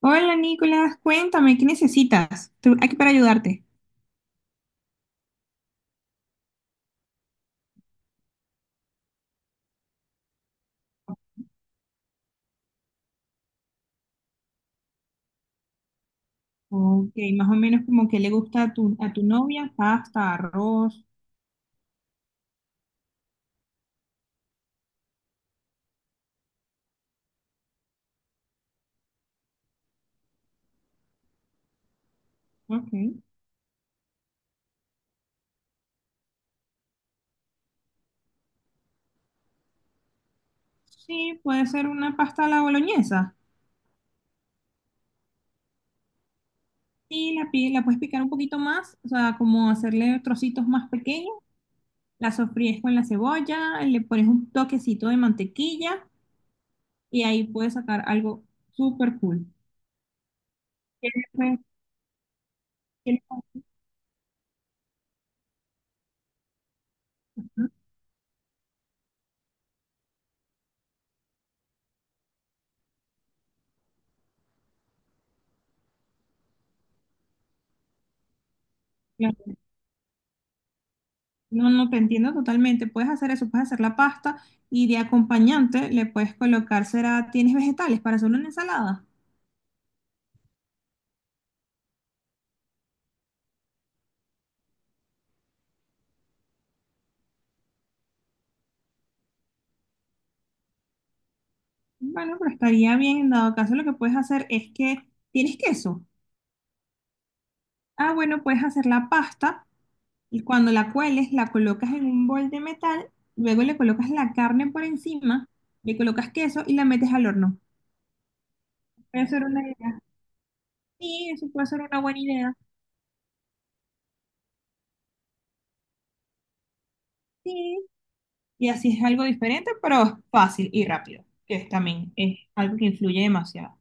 Hola Nicolás, cuéntame, ¿qué necesitas? Tú- aquí para ayudarte. Ok, más o menos como que le gusta a tu novia, ¿pasta, arroz? Ok. Sí, puede ser una pasta a la boloñesa. Y la, pi- la puedes picar un poquito más, o sea, como hacerle trocitos más pequeños. La sofríes con la cebolla, le pones un toquecito de mantequilla y ahí puedes sacar algo súper cool. ¿Qué le puedes- qué le puedes- ¿no? No, no, te entiendo totalmente. Puedes hacer eso, puedes hacer la pasta y de acompañante le puedes colocar, será, ¿tienes vegetales para hacer una ensalada? Bueno, pero estaría bien, en dado caso lo que puedes hacer es que, ¿tienes queso? Ah, bueno, puedes hacer la pasta y cuando la cueles la colocas en un bol de metal, luego le colocas la carne por encima, le colocas queso y la metes al horno. Puede ser una idea. Sí, eso puede ser una buena idea. Sí, y así es algo diferente, pero es fácil y rápido, que es también es algo que influye demasiado.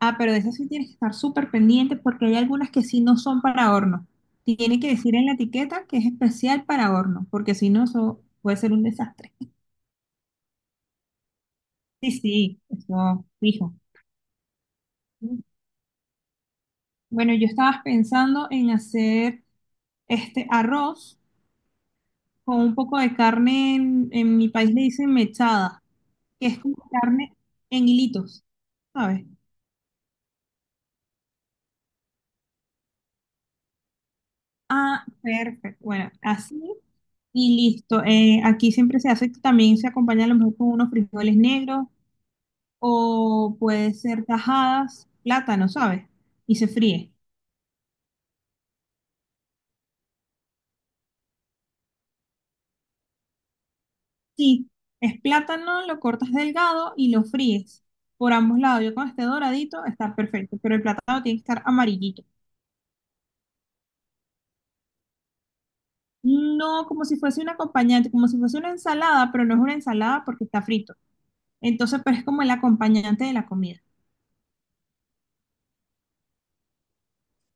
Ah, pero de esas sí tienes que estar súper pendiente porque hay algunas que sí no son para horno. Tiene que decir en la etiqueta que es especial para horno, porque si no, eso puede ser un desastre. Sí, sí, eso fijo. Bueno, yo estaba pensando en hacer este arroz con un poco de carne, en mi país le dicen mechada, que es como carne en hilitos, ¿sabes? Ah, perfecto. Bueno, así y listo. Aquí siempre se hace, también se acompaña a lo mejor con unos frijoles negros o puede ser tajadas, plátano, ¿sabes? Y se fríe. Sí, es plátano, lo cortas delgado y lo fríes por ambos lados. Yo con este doradito está perfecto, pero el plátano tiene que estar amarillito. No, como si fuese un acompañante, como si fuese una ensalada, pero no es una ensalada porque está frito. Entonces, pero es como el acompañante de la comida.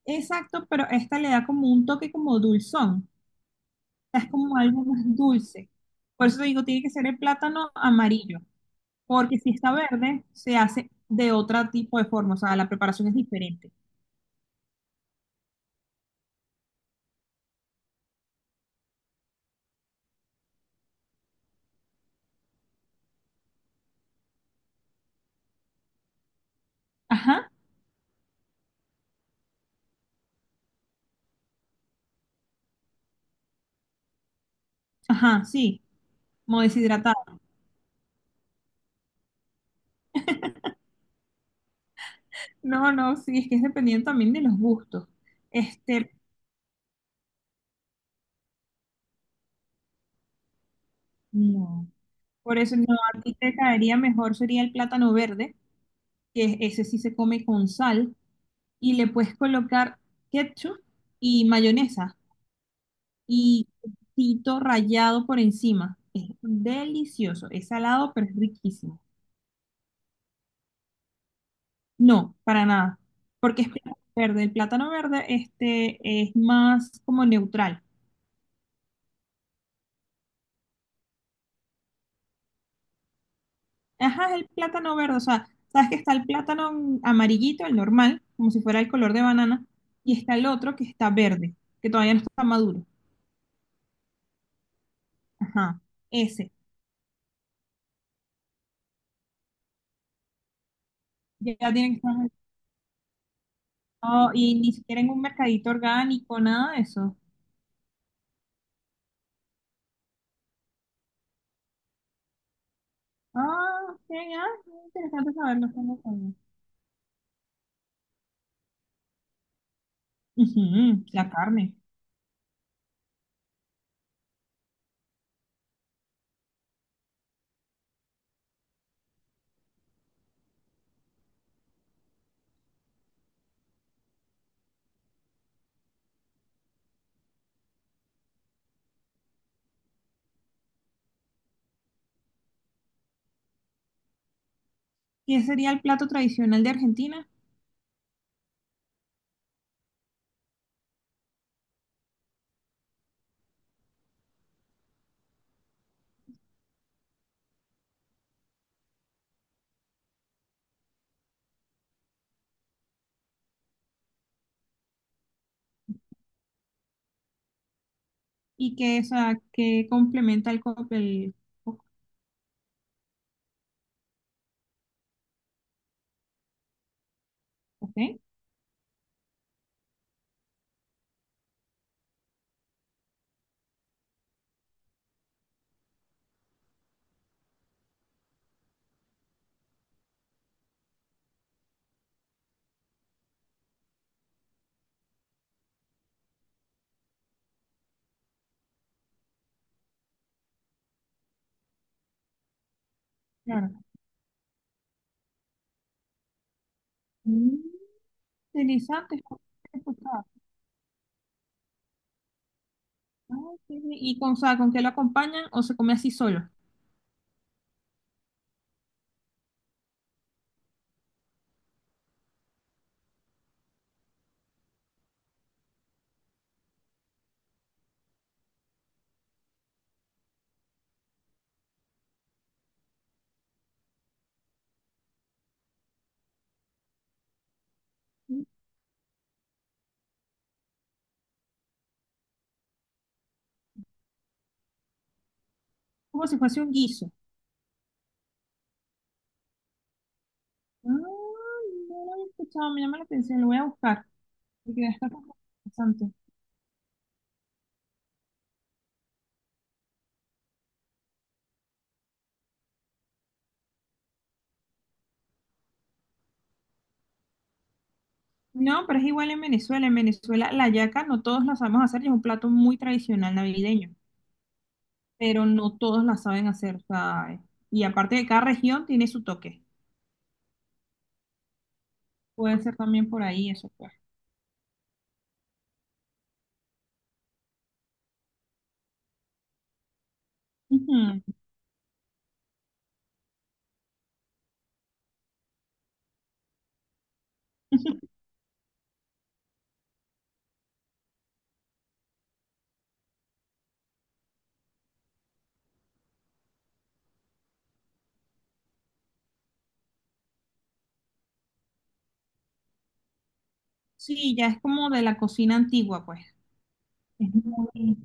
Exacto, pero esta le da como un toque como dulzón. O sea, es como algo más dulce. Por eso te digo, tiene que ser el plátano amarillo, porque si está verde, se hace de otro tipo de forma, o sea, la preparación es diferente. Ajá, ajá, sí, como deshidratado. No, no, sí, es que es dependiendo también de los gustos. Este, no. Por eso no, a ti te caería mejor sería el plátano verde, que es- ese sí se come con sal, y le puedes colocar ketchup y mayonesa. Y quesito rallado por encima. Es delicioso, es salado, pero es riquísimo. No, para nada, porque es plátano verde. El plátano verde este, es más como neutral. Ajá, es el plátano verde, o sea, sabes que está el plátano amarillito, el normal, como si fuera el color de banana, y está el otro que está verde, que todavía no está maduro. Ajá, ese. Ya tienen que estar... Oh, y ni siquiera en un mercadito orgánico, nada de eso. Ah, ok, ah, interesante saberlo, esto no sabía. Ujú, la carne. ¿Qué sería el plato tradicional de Argentina? ¿Y qué, o sea, qué complementa el cóctel? El co- Ok, claro. Mm, interesante. Esto no lo escuchaba. Ah, qué bien. ¿Y con, o sea, con qué lo acompañan o se come así solo? Mm, como si fuese un guiso. Ah, no lo he escuchado, me llama la atención, lo voy a buscar. Porque está como interesante. No, pero es igual en Venezuela. En Venezuela la yaca no todos la sabemos hacer y es un plato muy tradicional navideño, pero no todos la saben hacer, ¿sabes? Y aparte de cada región tiene su toque. Puede ser también por ahí eso, pues. Ujú. Sí, ya es como de la cocina antigua, pues. Es muy-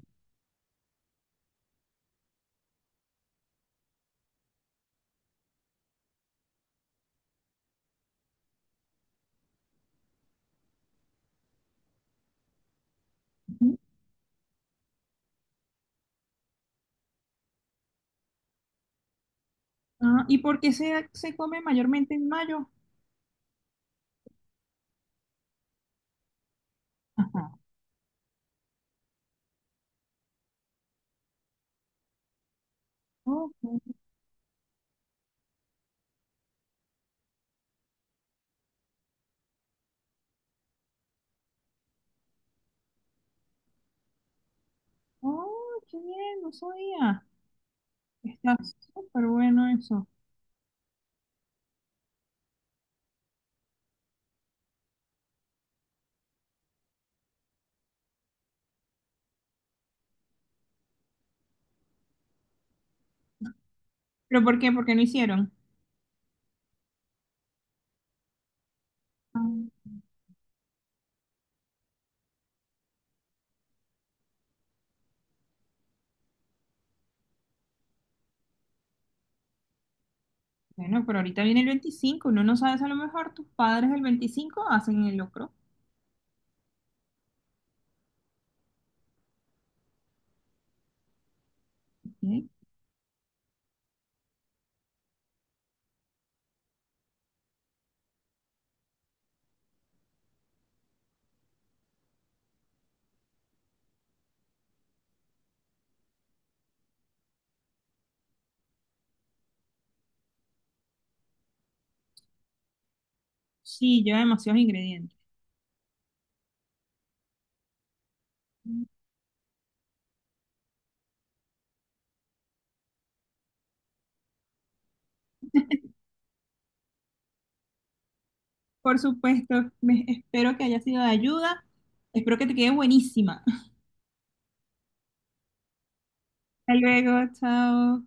ujú. Ah, ¿y por qué se come mayormente en mayo? Ajá. Oh, qué oh, qué bien, no sabía. Está súper bueno eso. ¿Pero por qué? ¿Por qué no hicieron? Ah. Bueno, pero ahorita viene el 25. Uno no sabes a lo mejor, tus padres el 25 hacen el locro. ¿Ok? Sí, lleva demasiados ingredientes. Por supuesto, me- espero que haya sido de ayuda. Espero que te quede buenísima. Hasta luego, chao.